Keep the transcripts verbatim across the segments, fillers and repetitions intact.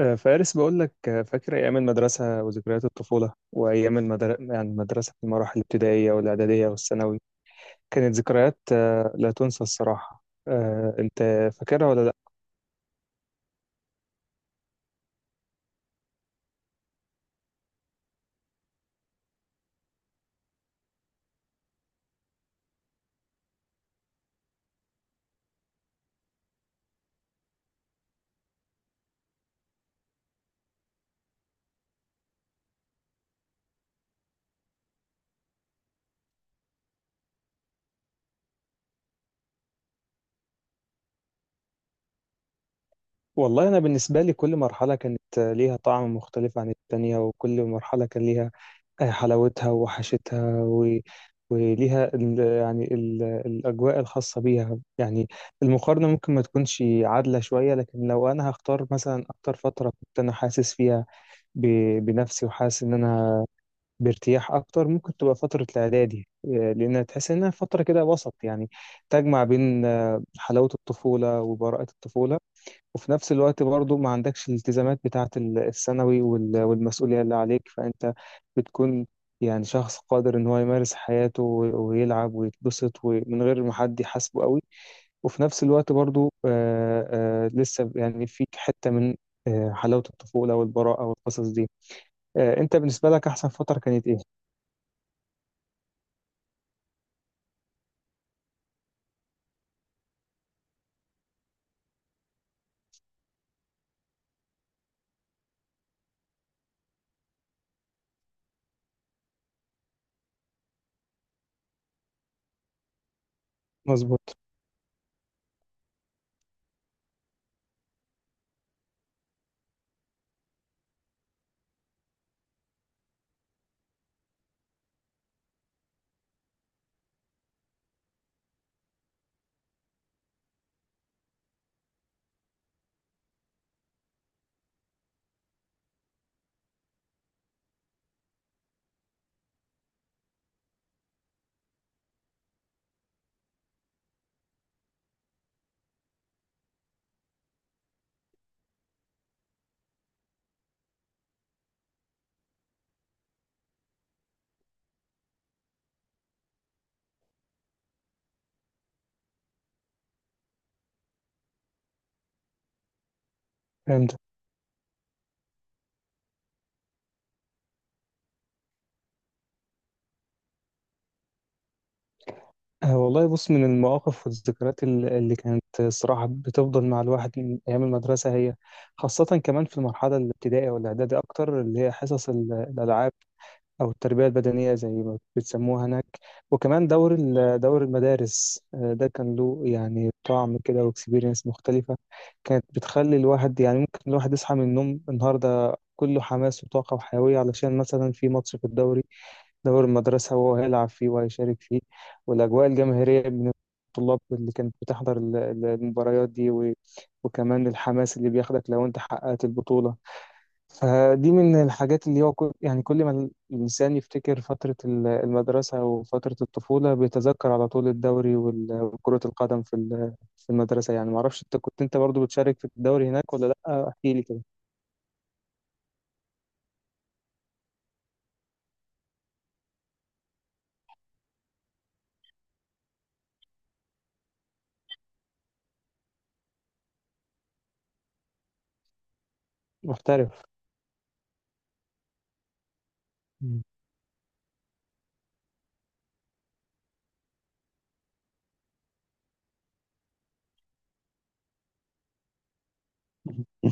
آه، فارس بقول لك، آه، فاكر أيام المدرسة وذكريات الطفولة وأيام المدر... يعني المدرسة في المراحل الابتدائية والإعدادية والثانوي، كانت ذكريات آه، لا تنسى الصراحة. آه، أنت فاكرها ولا لأ؟ والله أنا بالنسبة لي كل مرحلة كانت آه، ليها طعم مختلف عن التانية، وكل مرحلة كان ليها آه، حلاوتها ووحشتها، و... وليها ال... يعني ال... الأجواء الخاصة بيها يعني. المقارنة ممكن ما تكونش عادلة شوية، لكن لو أنا هختار مثلا أكتر فترة كنت أنا حاسس فيها ب- بنفسي وحاسس ان انا بارتياح اكتر، ممكن تبقى فتره الاعدادي، آه، لانها تحس انها فتره كده وسط، يعني تجمع بين آه، حلاوه الطفوله وبراءه الطفوله، وفي نفس الوقت برضو ما عندكش الالتزامات بتاعه ال- الثانوي وال- والمسؤوليه اللي عليك. فانت بتكون يعني شخص قادر ان هو يمارس حياته و- ويلعب ويتبسط ومن غير ما حد يحاسبه قوي، وفي نفس الوقت برضو آه، آه، لسه يعني فيك حته من آه، حلاوه الطفوله والبراءه والقصص دي. آه، انت بالنسبه لك احسن فتره كانت ايه؟ مظبوط. فهمت. آه، والله بص، من المواقف والذكريات ال- اللي كانت الصراحه بتفضل مع الواحد من ايام المدرسه، هي خاصه كمان في المرحله الابتدائيه والاعدادي اكتر، اللي هي حصص ال- الالعاب او التربيه البدنيه زي ما بتسموها هناك. وكمان دور ال- دور المدارس، آه، ده كان له يعني طعم كده واكسبيرينس مختلفه، كانت بتخلي الواحد يعني ممكن الواحد يصحى من النوم النهارده كله حماس وطاقه وحيويه، علشان مثلا في ماتش في الدوري، دور المدرسة، وهو هيلعب فيه وهيشارك فيه، والأجواء الجماهيرية من الطلاب اللي كانت بتحضر ال- ال- المباريات دي، و... وكمان الحماس اللي بياخدك لو أنت حققت البطولة. فدي من الحاجات اللي هو كل... يعني كل ما الإنسان يفتكر فترة ال- المدرسة وفترة الطفولة، بيتذكر على طول الدوري وال- وكرة القدم في ال- في المدرسة. يعني معرفش أنت كنت أنت برضو بتشارك في الدوري هناك ولا لأ، احكي لي كده. محترف. مم.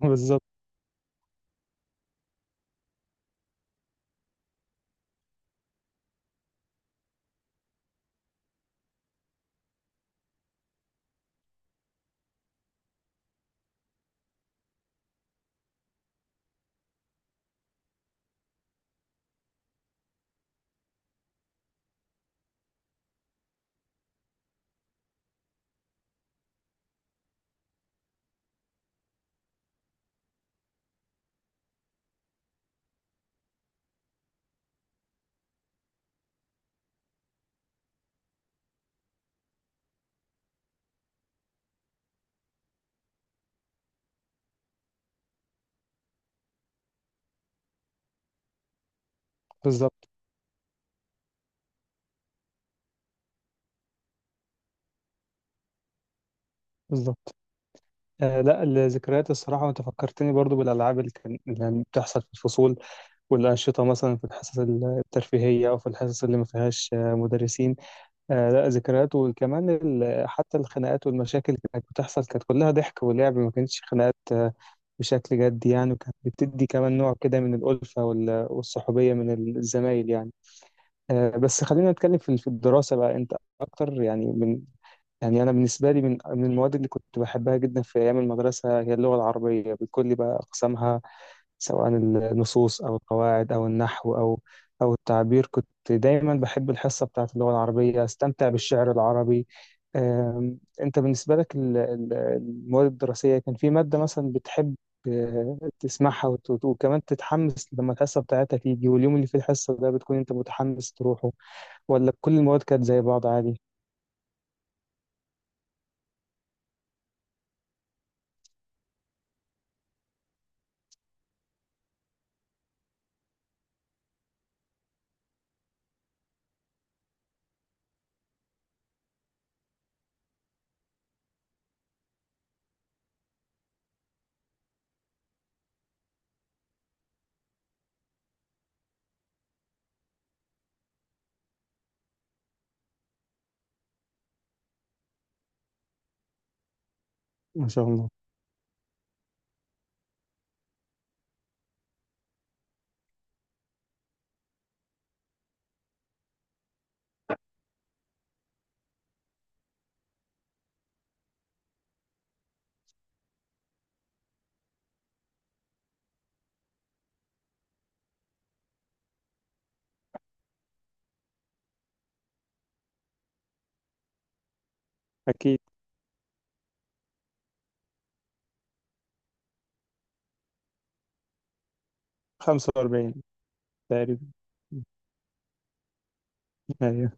بالظبط. بالظبط. بالظبط. آه لا، الذكريات الصراحة، وأنت فكرتني برضو بالألعاب اللي كان اللي كانت بتحصل في الفصول والأنشطة، مثلا في الحصص الترفيهية أو في الحصص اللي ما فيهاش آه، مدرسين. آه لا، ذكريات. وكمان ال- حتى الخناقات والمشاكل اللي كانت بتحصل كانت كلها ضحك ولعب، ما كانتش خناقات آه، بشكل جدي يعني، وكانت بتدي كمان نوع كده من الألفة وال- والصحوبية من الزمايل يعني. آه، بس خلينا نتكلم في في الدراسة بقى، أنت أكتر يعني. يعني أنا بالنسبة لي، من من المواد اللي كنت بحبها جدا في أيام المدرسة هي اللغة العربية بكل بقى أقسامها، سواء النصوص أو القواعد أو النحو أو أو التعبير. كنت دايما بحب الحصة بتاعة اللغة العربية، أستمتع بالشعر العربي. أم، أنت بالنسبة لك ال- ال- المواد الدراسية، كان في مادة مثلا بتحب أه، تسمعها وت- وت- وكمان تتحمس لما الحصة بتاعتها تيجي، واليوم اللي فيه الحصة ده بتكون أنت متحمس تروحه، ولا كل المواد كانت زي بعض عادي؟ ما شاء الله. أكيد. خمسة وأربعين تقريبا. ايوه.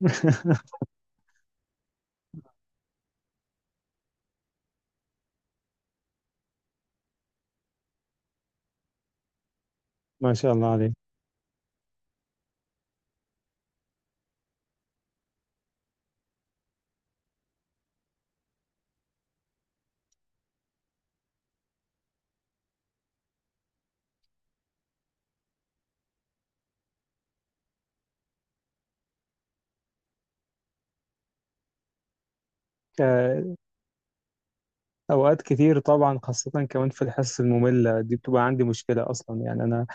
ما شاء الله عليك. آه، اوقات كتير طبعا، خاصة كمان في الحصص المملة دي، بتبقى عندي مشكلة اصلا يعني انا.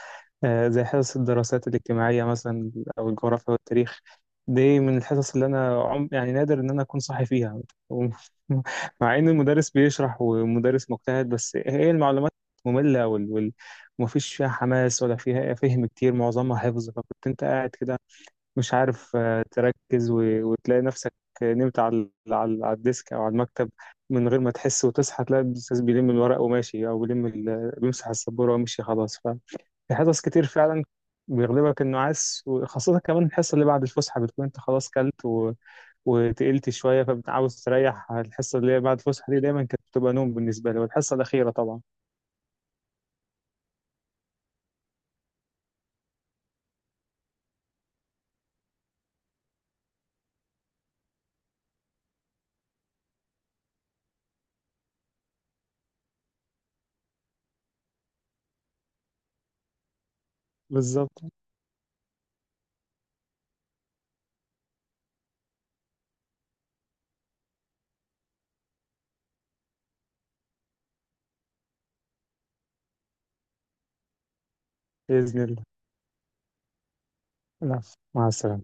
آه، زي حصص الدراسات الاجتماعية مثلا، او الجغرافيا والتاريخ، دي من الحصص اللي انا عم يعني نادر ان انا اكون صاحي فيها. مع ان المدرس بيشرح ومدرس مجتهد، بس هي المعلومات مملة وال... وال... ومفيش فيها حماس ولا فيها فهم كتير، معظمها حفظ، فكنت انت قاعد كده مش عارف آه، تركز، و- وتلاقي نفسك نمت على على على الديسك او على المكتب من غير ما تحس، وتصحى تلاقي الاستاذ بيلم الورق وماشي، او بيلم ال- بيمسح السبوره ومشي خلاص. ففي حصص كتير فعلا بيغلبك النعاس، وخاصة كمان الحصة اللي بعد الفسحة، بتكون انت خلاص كلت و... وتقلت شوية، فبتعاوز تريح. الحصة اللي هي بعد الفسحة دي دايما كانت بتبقى نوم بالنسبة لي، والحصة الأخيرة طبعا. بالظبط. بإذن الله. العفو. مع السلامة.